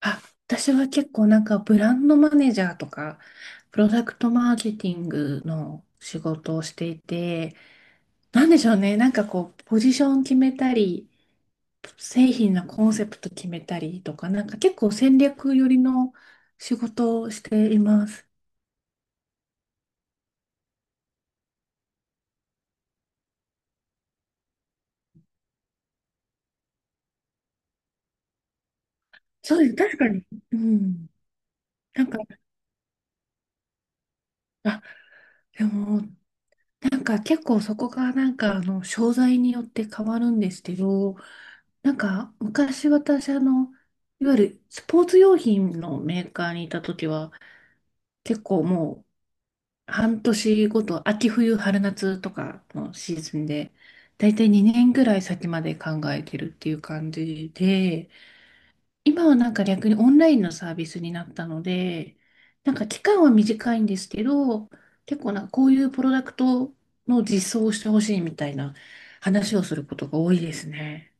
あ、私は結構なんかブランドマネージャーとか、プロダクトマーケティングの仕事をしていて、なんでしょうね、なんかこう、ポジション決めたり、製品のコンセプト決めたりとか、なんか結構戦略寄りの仕事をしています。そうです、確かに。うん。なんか、あ、でも、なんか結構そこがなんか商材によって変わるんですけど、なんか、昔私、いわゆるスポーツ用品のメーカーにいた時は、結構もう半年ごと、秋冬、春夏とかのシーズンで、だいたい2年ぐらい先まで考えてるっていう感じで、今はなんか逆にオンラインのサービスになったので、なんか期間は短いんですけど、結構なんかこういうプロダクトの実装をしてほしいみたいな話をすることが多いですね。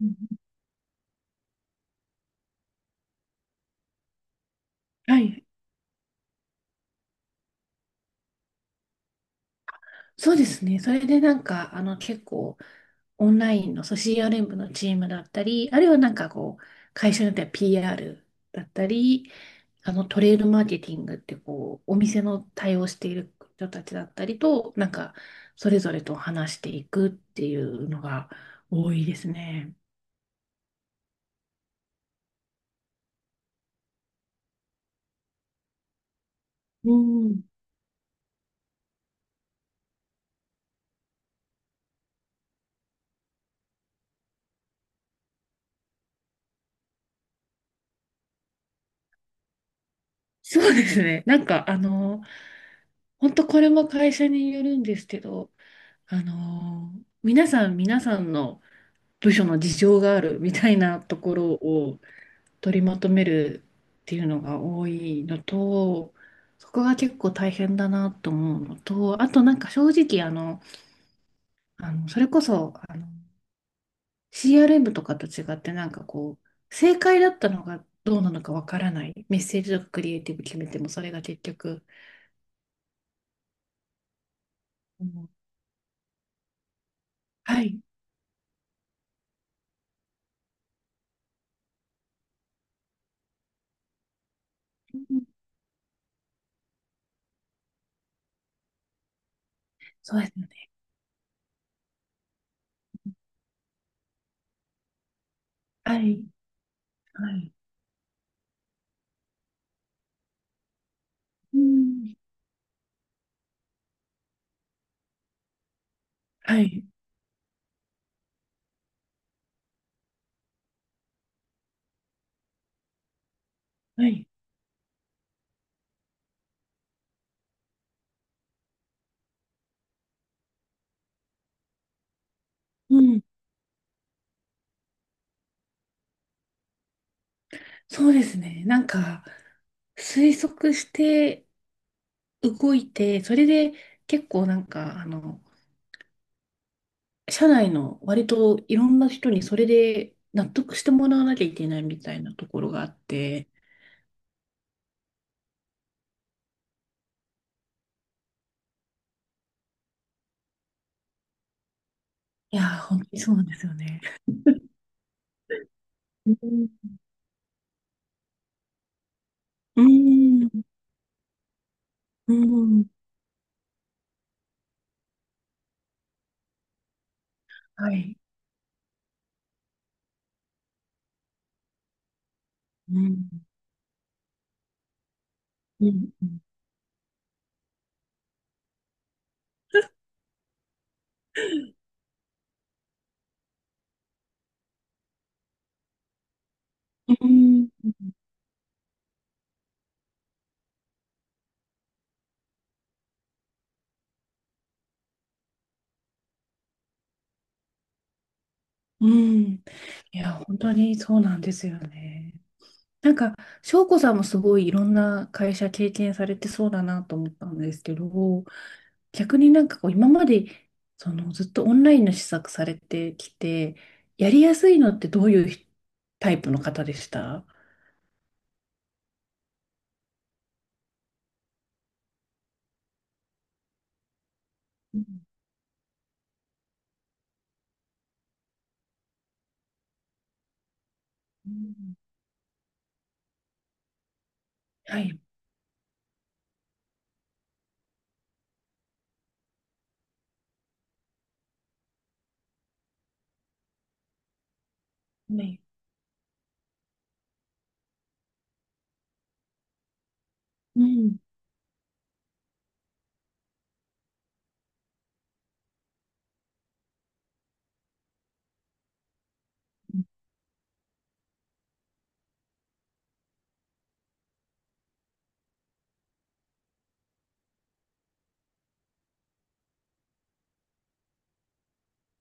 うんはい。そうですね。それでなんか、結構、オンラインの組織連部のチームだったり、あるいはなんかこう、会社によっては PR だったり、トレードマーケティングってこう、お店の対応している人たちだったりと、なんか、それぞれと話していくっていうのが多いですね。うん。そうですね。なんか、本当これも会社によるんですけど、あの、皆さんの、部署の事情があるみたいなところを取りまとめるっていうのが多いのと、そこが結構大変だなと思うのと、あとなんか正直それこそ CRM とかと違ってなんかこう、正解だったのがどうなのかわからない。メッセージとかクリエイティブ決めてもそれが結局。うんはい、うんそうですよね。はい、はい、うん、はい、はい、うん、そうですね。なんか、推測して動いて、それで結構なんか、社内の割といろんな人にそれで納得してもらわなきゃいけないみたいなところがあって、いやー、本当にそうなんですよね。うん、うん、うんはい。うん、うん、うん、うん。いや、本当にそうなんですよね。なんか、翔子さんもすごいいろんな会社経験されてそうだなと思ったんですけど、逆になんかこう今までそのずっとオンラインの施策されてきて、やりやすいのってどういうタイプの方でした？うんうんはい。はい。うん。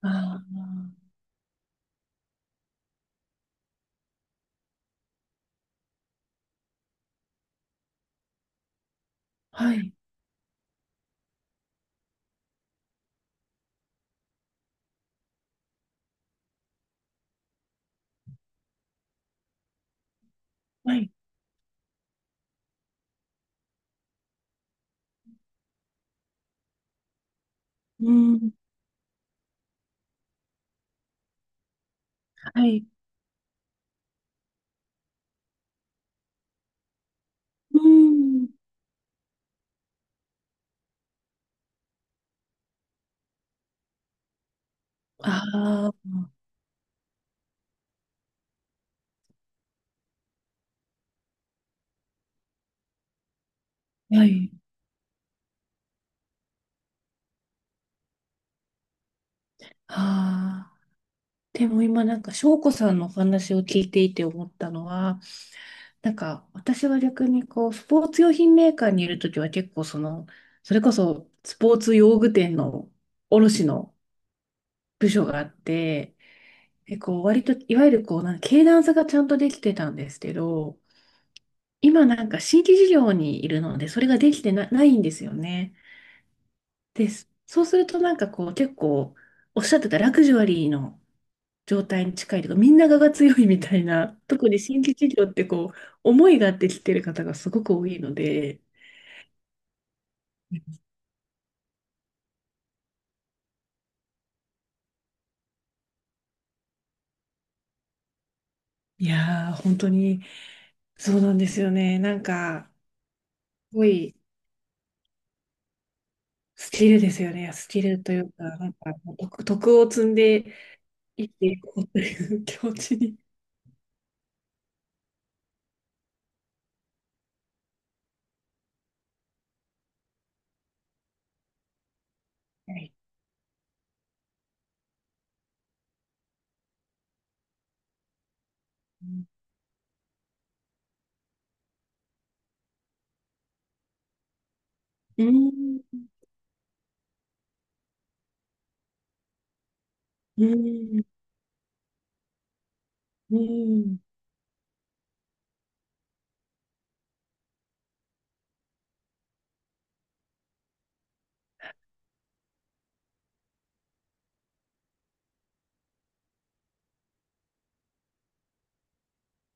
ああ、はい。はい。うん。はい。うん。ああ、はい。ああ。でも今なんか、翔子さんのお話を聞いていて思ったのは、なんか、私は逆にこう、スポーツ用品メーカーにいるときは結構その、それこそスポーツ用具店の卸の部署があって、結構割と、いわゆるこう、なんか、経団差がちゃんとできてたんですけど、今なんか新規事業にいるので、それができてな、ないんですよね。で、そうするとなんかこう、結構、おっしゃってたラグジュアリーの状態に近いというか、みんなが強いみたいな、特に新規事業ってこう、思いがあってきてる方がすごく多いので、いやー、本当に、そうなんですよね。なんか、すごい、スキルですよね。スキルというか、なんか、徳を積んで生きていこうという気持ちに。はい。うん、うん、うん、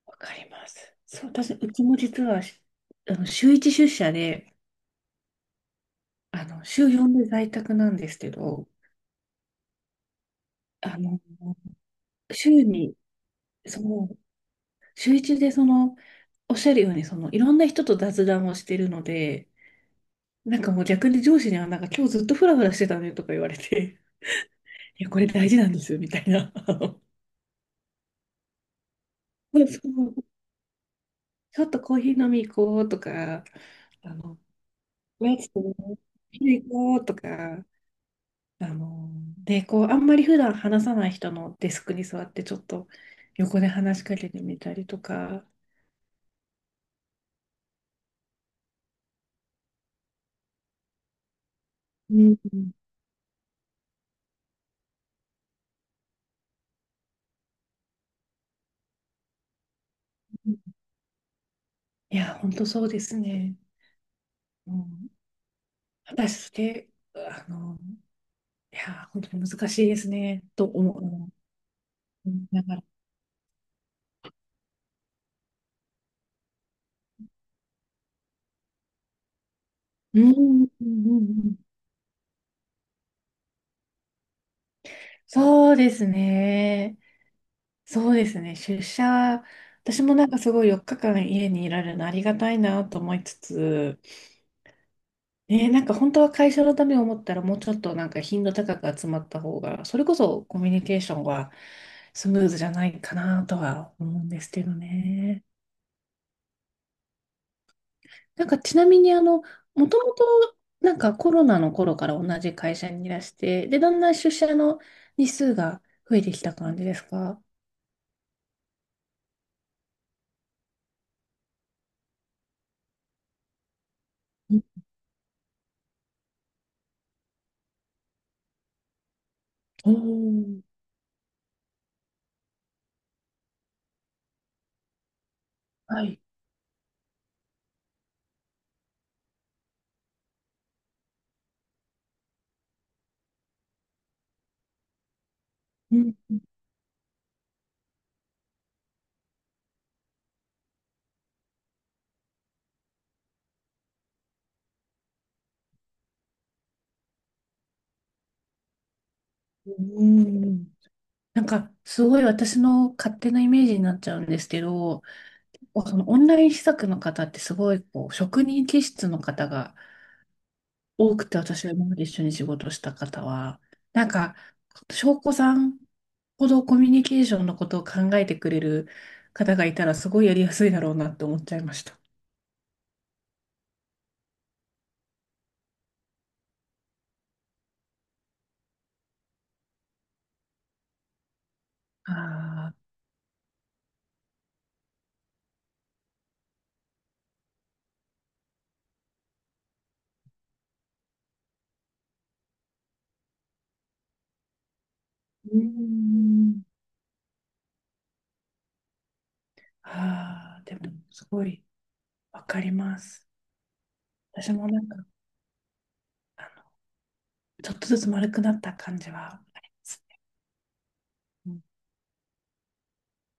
わかります。そう、私、うちも実は、しあの、週1出社で、週4で在宅なんですけど、あの、週に、その、週1でおっしゃるように、いろんな人と雑談をしてるので、なんかもう逆に上司には、なんか今日ずっとフラフラしてたねとか言われて、いや、これ大事なんですよ、みたいな。そうそう、ちょっとコーヒー飲み行こうとか、あの、おやつ食べに行こうとか、あの、で、こう、あんまり普段話さない人のデスクに座って、ちょっと横で話しかけてみたりとか、うん、いや、本当そうですね。うん、果たして、あの、いや、本当に難しいですね、と思う。うんながら。うん、うんうんうんそうですね。そうですね。出社、私もなんかすごい4日間家にいられるのありがたいなと思いつつ、ね、なんか本当は会社のためを思ったらもうちょっとなんか頻度高く集まった方が、それこそコミュニケーションはスムーズじゃないかなとは思うんですけどね。なんかちなみにもともとなんかコロナの頃から同じ会社にいらして、で、だんだん出社の日数が増えてきた感じですか？おーはい。うんうんうんなんか、すごい私の勝手なイメージになっちゃうんですけど、そのオンライン施策の方ってすごいこう職人気質の方が多くて、私が今まで一緒に仕事した方は、なんか、翔子さんほどコミュニケーションのことを考えてくれる方がいたら、すごいやりやすいだろうなって思っちゃいました。ああ、うん。ああ、でも、すごいわかります。私もなんか、ちょっとずつ丸くなった感じはありますね。